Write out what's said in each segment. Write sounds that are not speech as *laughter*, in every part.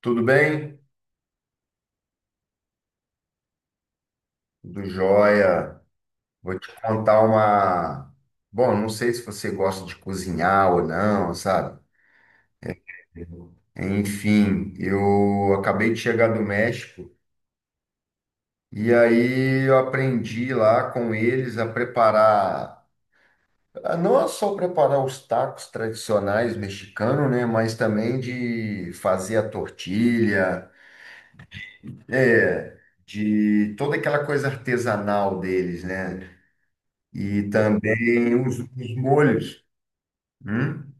Tudo bem? Tudo jóia. Vou te contar uma. Bom, não sei se você gosta de cozinhar ou não, sabe? Enfim, eu acabei de chegar do México e aí eu aprendi lá com eles a preparar, a não só preparar os tacos tradicionais mexicanos, né? Mas também de fazer a tortilha, é, de toda aquela coisa artesanal deles, né? E também os molhos. Hum?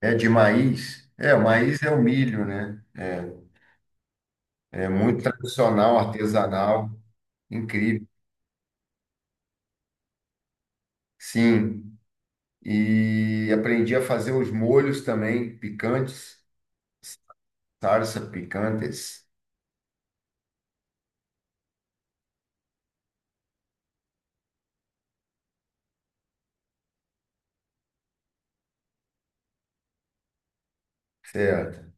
É de maíz? É, o maíz é o milho, né? É muito tradicional, artesanal, incrível. Sim, e aprendi a fazer os molhos também, picantes, salsa picantes, certo?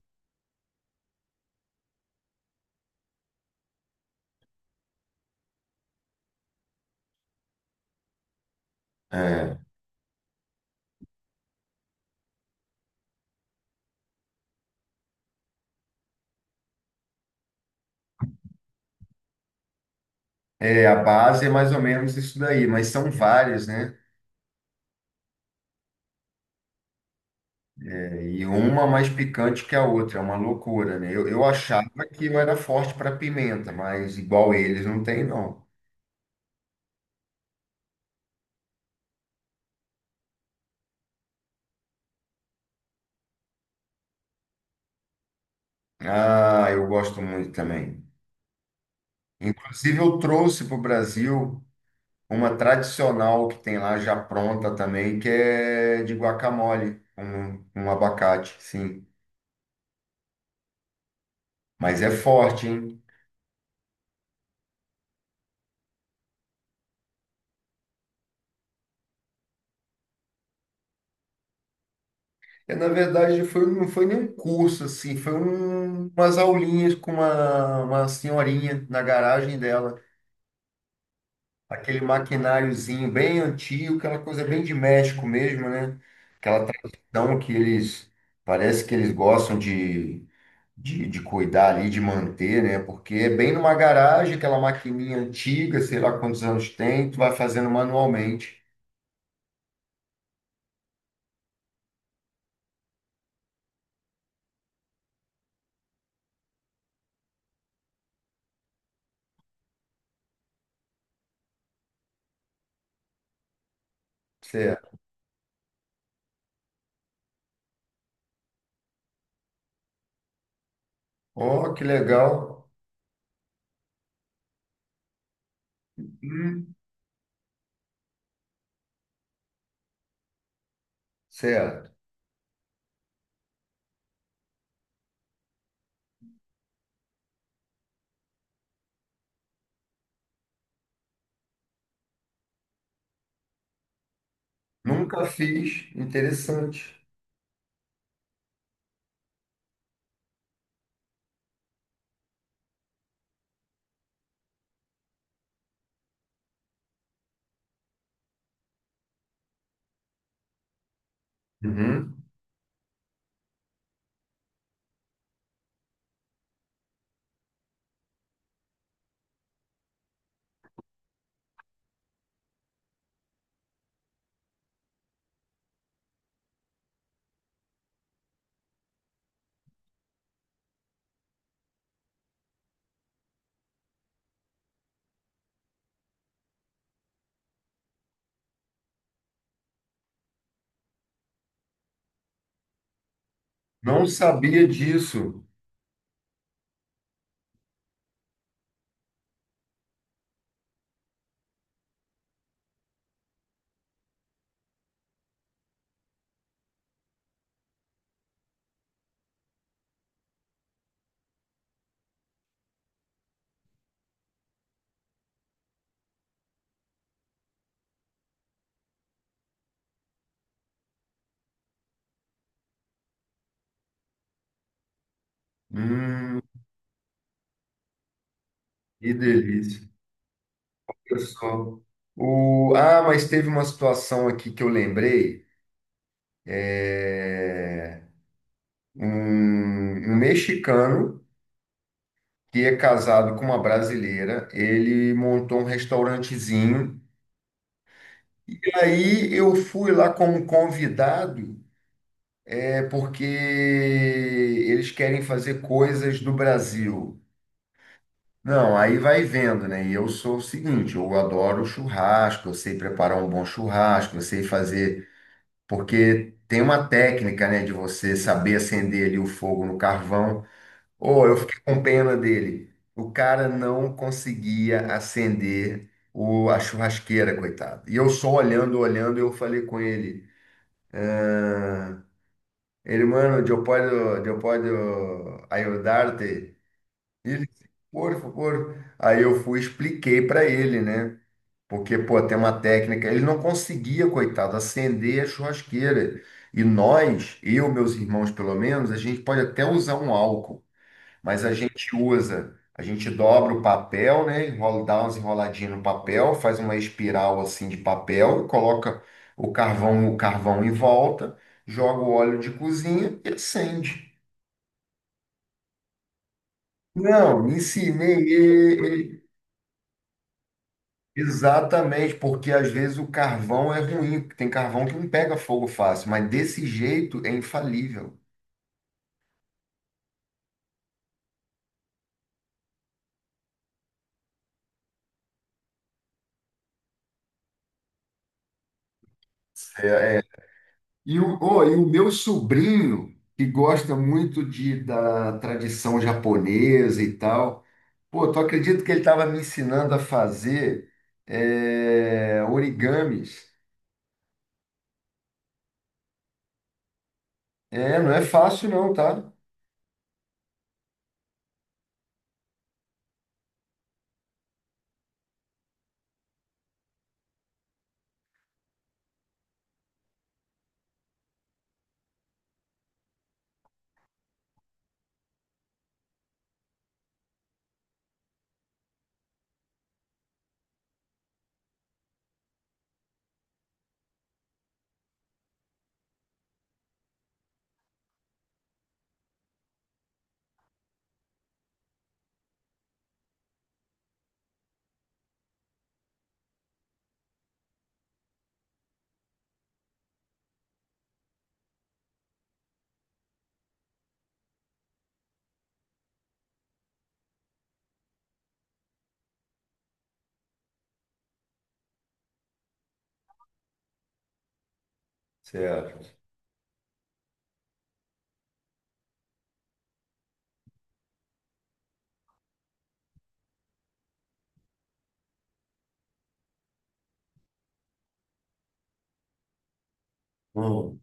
É. É, a base é mais ou menos isso daí, mas são várias, né? É, e uma mais picante que a outra, é uma loucura, né? Eu achava que eu era forte para pimenta, mas igual eles não tem, não. Ah, eu gosto muito também. Inclusive, eu trouxe para o Brasil uma tradicional que tem lá já pronta também, que é de guacamole, um abacate, sim. Mas é forte, hein? É, na verdade, foi, não foi nem um curso, assim, foi umas aulinhas com uma senhorinha na garagem dela. Aquele maquináriozinho bem antigo, aquela coisa bem de México mesmo, né? Aquela tradição que eles, parece que eles gostam de de cuidar ali, de manter, né? Porque é bem numa garagem, aquela maquininha antiga, sei lá quantos anos tem, tu vai fazendo manualmente. Certo. Oh, que legal. Hum, certo. Nunca fiz. Interessante. Uhum. Não sabia disso. Hum, que delícia. Olha só. Ah, mas teve uma situação aqui que eu lembrei. É... um mexicano que é casado com uma brasileira, ele montou um restaurantezinho. E aí eu fui lá como convidado, é porque eles querem fazer coisas do Brasil. Não, aí vai vendo, né? E eu sou o seguinte, eu adoro churrasco, eu sei preparar um bom churrasco, eu sei fazer, porque tem uma técnica, né, de você saber acender ali o fogo no carvão. Oh, eu fiquei com pena dele. O cara não conseguia acender a churrasqueira, coitado. E eu só olhando, olhando, eu falei com ele. Ele, mano, eu posso ajudar-te? Ele, por favor. Aí eu fui, expliquei para ele, né? Porque, pô, tem uma técnica. Ele não conseguia, coitado, acender a churrasqueira. E nós, eu, meus irmãos, pelo menos, a gente pode até usar um álcool. Mas a gente usa, a gente dobra o papel, né? Enrola, dá umas enroladinhas no papel, faz uma espiral assim de papel, coloca o carvão em volta, joga o óleo de cozinha e acende. Não, me ensinei exatamente, porque às vezes o carvão é ruim, tem carvão que não pega fogo fácil, mas desse jeito é infalível. É, é. E o meu sobrinho, que gosta muito de, da tradição japonesa e tal, pô, tu acredita que ele estava me ensinando a fazer origamis? É, não é fácil não, tá? Certo. Hum.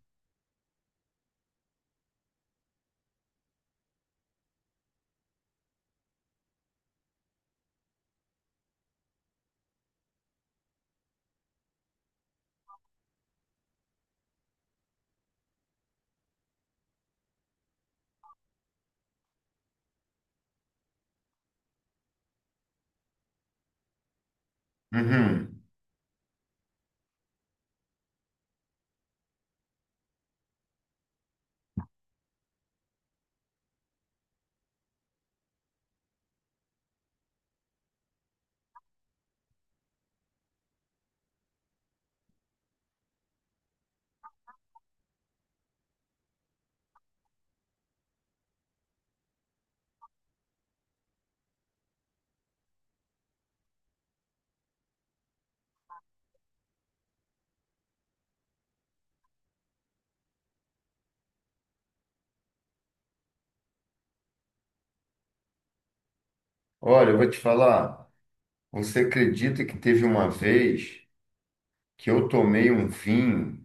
Uhum. Olha, eu vou te falar. Você acredita que teve uma vez que eu tomei um vinho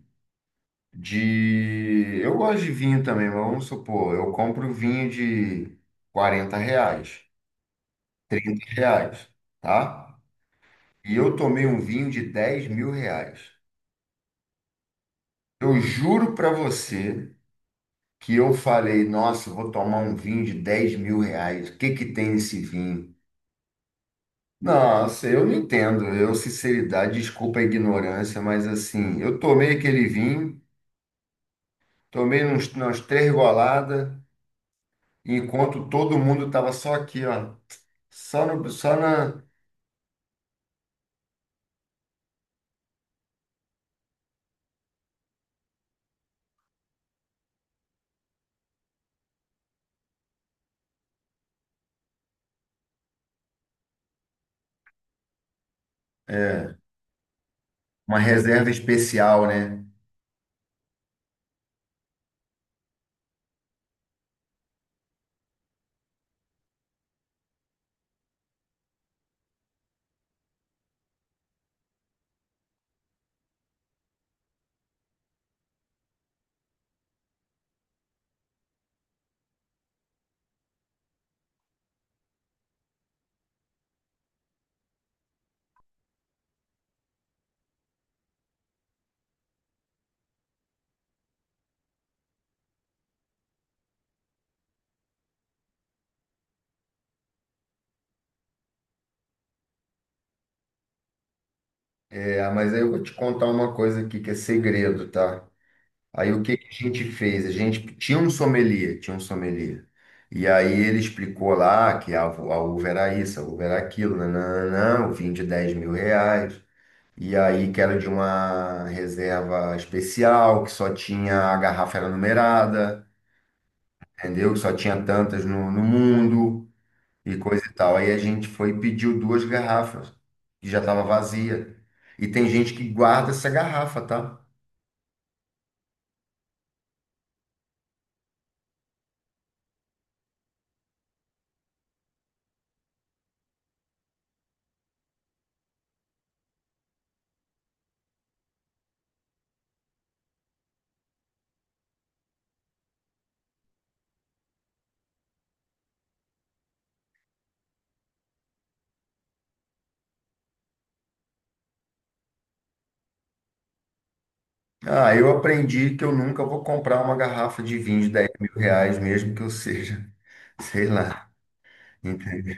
Eu gosto de vinho também, mas vamos supor, eu compro vinho de R$ 40, R$ 30, tá? E eu tomei um vinho de R$ 10.000. Eu juro para você que eu falei, nossa, eu vou tomar um vinho de R$ 10.000, o que que tem nesse vinho? Nossa, eu não entendo, eu, sinceridade, desculpa a ignorância, mas assim, eu tomei aquele vinho, tomei umas três goladas, enquanto todo mundo tava só aqui, ó, só, no, só na uma reserva especial, né? É, mas aí eu vou te contar uma coisa aqui que é segredo, tá? Aí o que que a gente fez? A gente tinha um sommelier, tinha um sommelier. E aí ele explicou lá que a uva era isso, a uva era aquilo, nananã, o vinho de R$ 10.000. E aí que era de uma reserva especial, que só tinha, a garrafa era numerada, entendeu? Que só tinha tantas no mundo e coisa e tal. Aí a gente foi e pediu duas garrafas, que já estava vazia. E tem gente que guarda essa garrafa, tá? Ah, eu aprendi que eu nunca vou comprar uma garrafa de vinho de R$ 10.000, mesmo que eu seja, *laughs* sei lá, entendeu?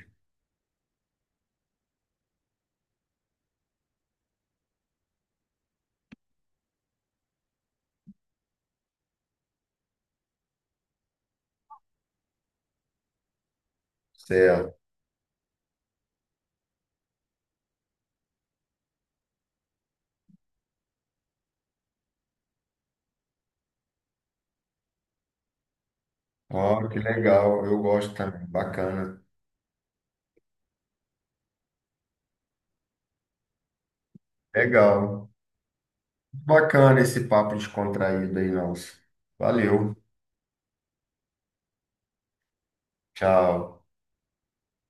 Certo. Ó, que legal, eu gosto também, bacana. Legal, bacana esse papo descontraído aí, nosso. Valeu, tchau.